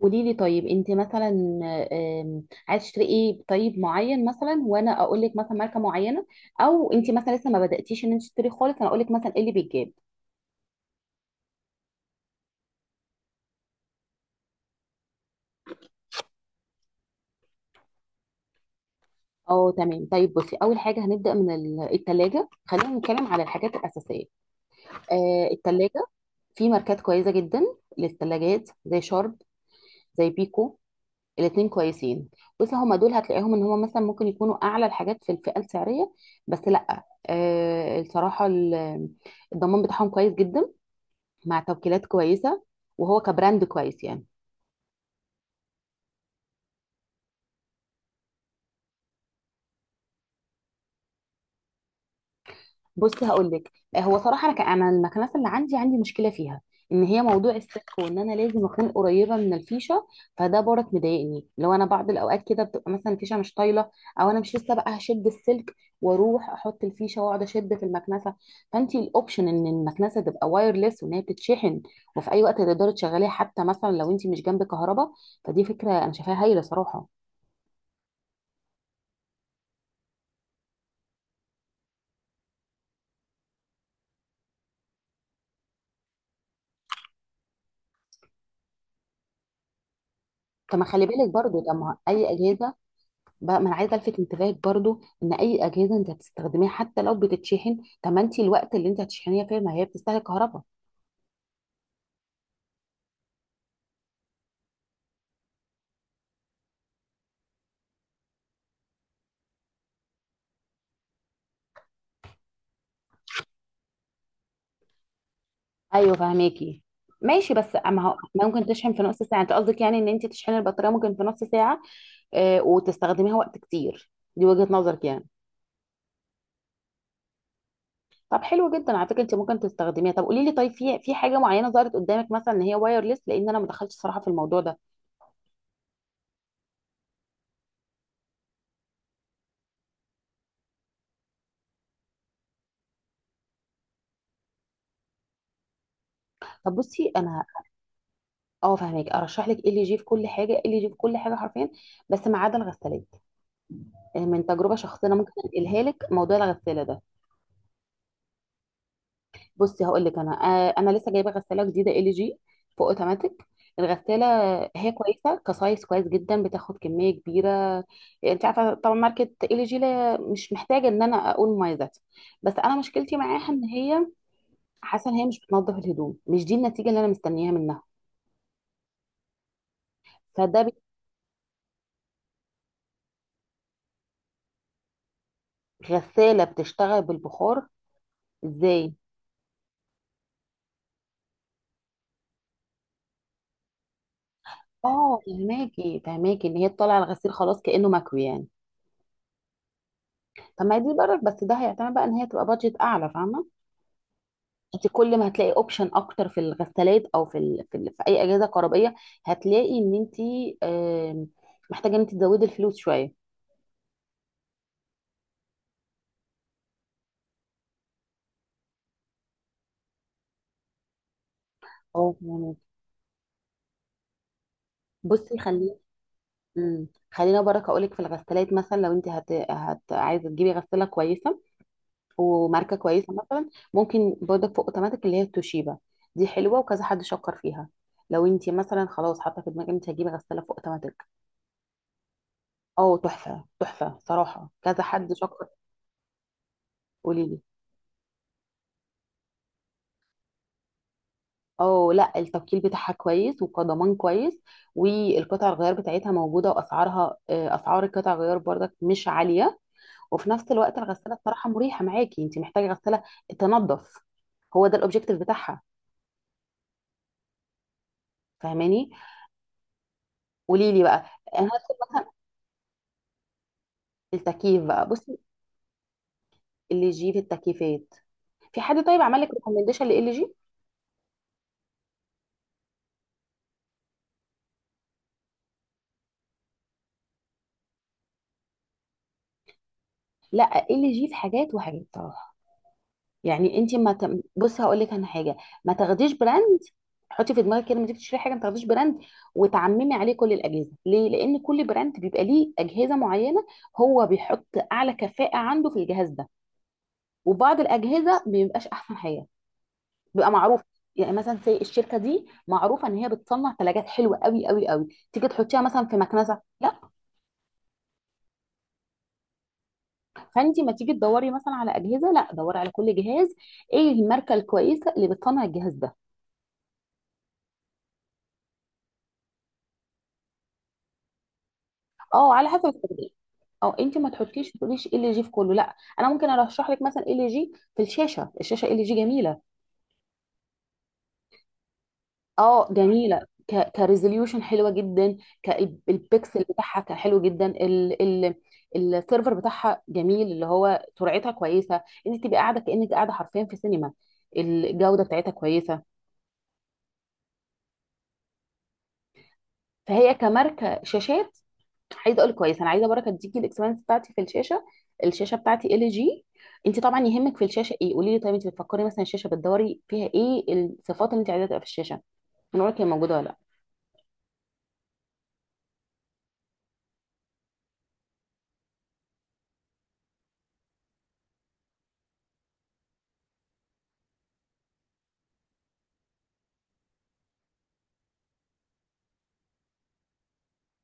قولي لي طيب انت مثلا، عايز تشتري ايه طيب معين مثلا وانا اقول لك مثلا ماركه معينه، او انت مثلا لسه ما بداتيش ان انت تشتري خالص انا اقول لك مثلا ايه اللي بيتجاب. اه تمام طيب بصي اول حاجه هنبدا من التلاجة، خلينا نتكلم على الحاجات الاساسيه. آه التلاجة، في ماركات كويسه جدا للتلاجات، زي شارب، زي بيكو، الاتنين كويسين. بص هما دول هتلاقيهم ان هما مثلا ممكن يكونوا اعلى الحاجات في الفئه السعريه، بس لا آه الصراحه الضمان بتاعهم كويس جدا، مع توكيلات كويسه، وهو كبراند كويس يعني. بصي هقول لك هو صراحه انا انا المكنسه اللي عندي مشكله فيها، ان هي موضوع السلك، وان انا لازم اكون قريبه من الفيشه، فده برك مضايقني، لو انا بعض الاوقات كده بتبقى مثلا الفيشه مش طايله، او انا مش لسه بقى هشد السلك واروح احط الفيشه واقعد اشد في المكنسه. فانت الاوبشن ان المكنسه تبقى وايرلس وان هي بتتشحن، وفي اي وقت تقدري تشغليها حتى مثلا لو انت مش جنب كهرباء، فدي فكره انا شايفاها هايله صراحه. طب ما خلي بالك برضو، طب ما اي اجهزه بقى، ما انا عايزه الفت انتباهك برضو ان اي اجهزه انت هتستخدميها حتى لو بتتشحن، طب ما انت الوقت اللي انت هتشحنيها فيه ما هي بتستهلك كهرباء. ايوه فهماكي، ماشي بس ما هو ممكن تشحن في نص ساعه، انت قصدك يعني ان انت تشحني البطاريه ممكن في نص ساعه، آه وتستخدميها وقت كتير، دي وجهه نظرك يعني. طب حلو جدا على فكره انت ممكن تستخدميها، طب قولي لي طيب في حاجه معينه ظهرت قدامك مثلا ان هي وايرلس، لان انا ما دخلتش صراحه في الموضوع ده. طب بصي انا، اه فاهمك، ارشح لك ال جي في كل حاجه، ال جي في كل حاجه حرفيا، بس ما عدا الغسالات، من تجربه شخصيه انا ممكن انقلها لك موضوع الغساله ده. بصي هقول لك انا، انا لسه جايبه غساله جديده ال جي، فوق اوتوماتيك الغساله، هي كويسه، كسايز كويس جدا، بتاخد كميه كبيره. انت عارفه طبعا ماركه ال جي، لا مش محتاجه ان انا اقول مميزاتها، بس انا مشكلتي معاها ان هي حاسه ان هي مش بتنظف الهدوم، مش دي النتيجه اللي انا مستنياها منها، فده غساله بتشتغل بالبخار ازاي؟ اه فهماكي فهماكي ان هي تطلع الغسيل خلاص كانه مكوي يعني. طب ما هي دي برك، بس ده هيعتمد بقى ان هي تبقى بادجت اعلى، فاهمه؟ انت كل ما هتلاقي اوبشن اكتر في الغسالات او في في اي اجهزه كهربائيه، هتلاقي ان انت آم، محتاجه ان انت تزودي الفلوس شويه. اه يعني بصي خلي، خلينا برك اقول لك في الغسالات مثلا لو انت عايزه تجيبي غساله كويسه وماركه كويسه، مثلا ممكن برضك في اوتوماتيك اللي هي التوشيبا، دي حلوه وكذا حد شكر فيها. لو انت مثلا خلاص حاطه في دماغك انت هتجيبي غساله في اوتوماتيك، اه تحفة تحفة صراحة، كذا حد شكر. قولي لي، اه لا التوكيل بتاعها كويس وكضمان كويس، والقطع الغيار بتاعتها موجودة، واسعارها اسعار القطع الغيار برضك مش عالية. وفي نفس الوقت الغسالة بصراحة مريحة معاكي، انت محتاجة غسالة تنظف، هو ده الاوبجيكتيف بتاعها، فاهماني؟ قولي لي بقى، انا هدخل مثلا التكييف بقى، بصي ال جي في التكييفات، في حد طيب عمل لك ريكومنديشن ل ال جي؟ لا ال جي في حاجات وحاجات، يعني انت ما ت... بص هقول لك انا حاجه، ما تاخديش براند، حطي في دماغك كده لما تيجي تشتري حاجه ما تاخديش براند وتعممي عليه كل الاجهزه، ليه؟ لان كل براند بيبقى ليه اجهزه معينه، هو بيحط اعلى كفاءه عنده في الجهاز ده، وبعض الاجهزه ما بيبقاش احسن حاجه، بيبقى معروف. يعني مثلا زي الشركه دي معروفه ان هي بتصنع ثلاجات حلوه قوي قوي قوي، تيجي تحطيها مثلا في مكنسه؟ لا. فانت ما تيجي تدوري مثلا على اجهزه، لا دوري على كل جهاز، ايه الماركه الكويسه اللي بتصنع الجهاز ده. اه على حسب التطبيق، اه انت ما تحطيش تقوليش ال جي في كله، لا انا ممكن ارشح لك مثلا ال جي في الشاشه، الشاشه ال جي جميله. اه جميله، ك كريزوليوشن حلوه جدا، كالبكسل بتاعها كان حلو جدا ال ال السيرفر بتاعها جميل، اللي هو سرعتها كويسه، انت تبقى قاعده كانك قاعده حرفيا في سينما، الجوده بتاعتها كويسه. فهي كماركه شاشات عايزه اقول كويس، انا عايزه بركه تديكي الاكسبيرينس بتاعتي في الشاشه، الشاشه بتاعتي ال جي. انت طبعا يهمك في الشاشه ايه؟ قولي لي طيب انت بتفكري مثلا الشاشه بتدوري فيها ايه الصفات اللي انت عايزاها تبقى في الشاشه، من رايك هي موجوده ولا لا؟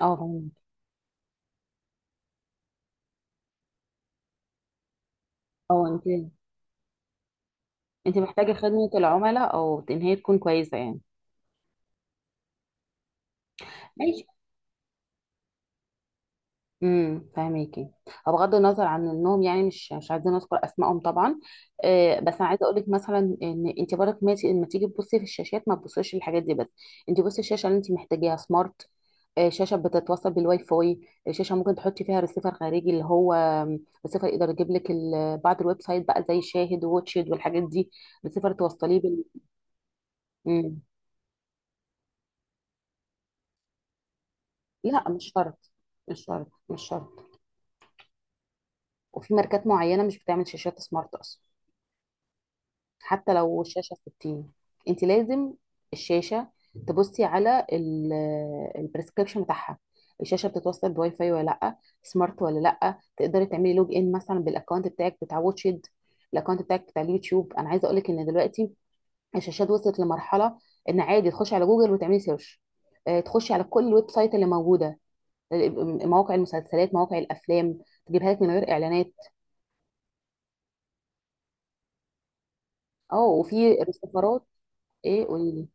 اه فهمت. اه انت محتاجه خدمه العملاء او ان هي تكون كويسه، يعني فاهميكي. هو بغض النظر عن النوم يعني مش عايزين نذكر اسمائهم طبعا، آه بس انا عايزه اقول لك مثلا ان انت برك ما لما تيجي تبصي في الشاشات ما تبصيش للحاجات دي بس، انت بصي الشاشه اللي انت محتاجاها سمارت، آه شاشه بتتوصل بالواي فاي، شاشه ممكن تحطي فيها ريسيفر خارجي اللي هو ريسيفر يقدر يجيب لك بعض الويب سايت بقى زي شاهد ووتشد والحاجات دي، ريسيفر توصليه بال مم. لا مش شرط، مش شرط، مش شرط. وفي ماركات معينه مش بتعمل شاشات سمارت اصلا، حتى لو الشاشة 60، انت لازم الشاشة تبصي على البريسكريبشن بتاعها، الشاشة بتتوصل بواي فاي ولا لا، سمارت ولا لا، تقدري تعملي لوج ان مثلا بالاكونت بتاعك بتاع واتشد، الاكونت بتاعك بتاع اليوتيوب. انا عايزة اقولك ان دلوقتي الشاشات وصلت لمرحلة ان عادي تخشي على جوجل وتعملي سيرش، تخشي على كل الويب سايت اللي موجودة، آه، مواقع المسلسلات مواقع الافلام، تجيبها لك من غير اعلانات. اه وفي السفارات، ايه قولي،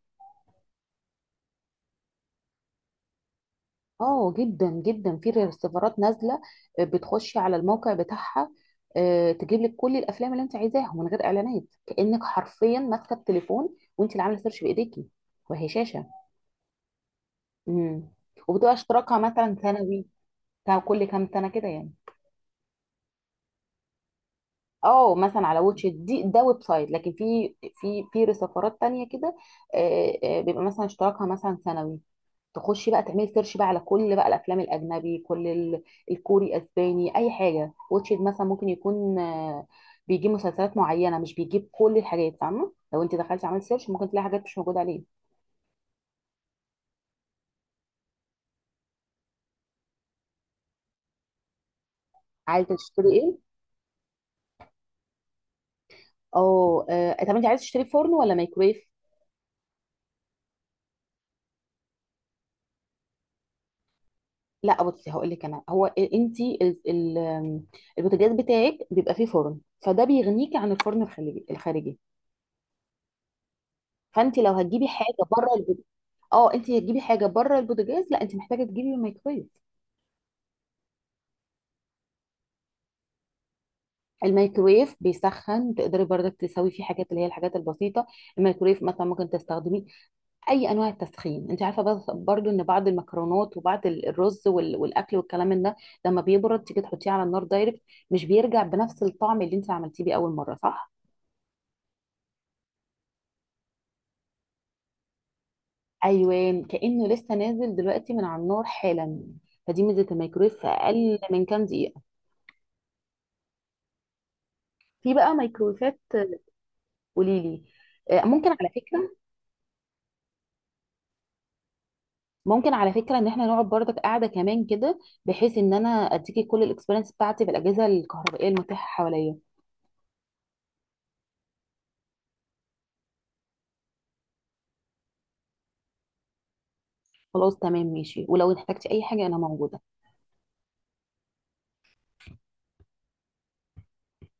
اه جدا جدا في ريسيفرات نازله، بتخشي على الموقع بتاعها، تجيب لك كل الافلام اللي انت عايزاها من غير اعلانات كانك حرفيا ماسكه التليفون وانت اللي عامله سيرش بايديكي، وهي شاشه. امم، وبتبقى اشتراكها مثلا سنوي، كل كام سنه كده يعني. اه مثلا على واتش إت، دي ده ويب سايت، لكن في في ريسيفرات تانية كده، بيبقى مثلا اشتراكها مثلا سنوي، تخشي بقى تعملي سيرش بقى على كل بقى الافلام الاجنبي كل الكوري اسباني اي حاجه، واتشد مثلا ممكن يكون بيجيب مسلسلات معينه مش بيجيب كل الحاجات، فاهمه؟ لو انت دخلتي عملت سيرش ممكن تلاقي حاجات مش موجوده عليه. عايزه تشتري ايه؟ اه طب انت عايزه تشتري فرن ولا مايكرويف؟ لا بصي هقول لك انا، هو انت البوتاجاز بتاعك بيبقى فيه فرن، فده بيغنيكي عن الفرن الخليجي الخارجي، فانت لو هتجيبي حاجه بره اه انت هتجيبي حاجه بره البوتاجاز، لا انت محتاجه تجيبي مايكرويف. الميكرويف بيسخن، تقدري برضك تسوي فيه حاجات اللي هي الحاجات البسيطه، الميكرويف مثلا ممكن تستخدمي اي انواع التسخين انت عارفه، بس برضو ان بعض المكرونات وبعض الرز والاكل والكلام من ده لما بيبرد تيجي تحطيه على النار دايركت مش بيرجع بنفس الطعم اللي انت عملتيه بيه اول مره، صح؟ ايوه كانه لسه نازل دلوقتي من على النار حالا، فدي ميزه الميكرويف في اقل من كام دقيقه. في بقى ميكرويفات، قولي لي، ممكن على فكره، ان احنا نقعد برضك قاعده كمان كده بحيث ان انا اديكي كل الاكسبيرينس بتاعتي بالاجهزه الكهربائيه المتاحه حواليا. خلاص تمام ماشي، ولو احتجتي اي حاجه انا موجوده.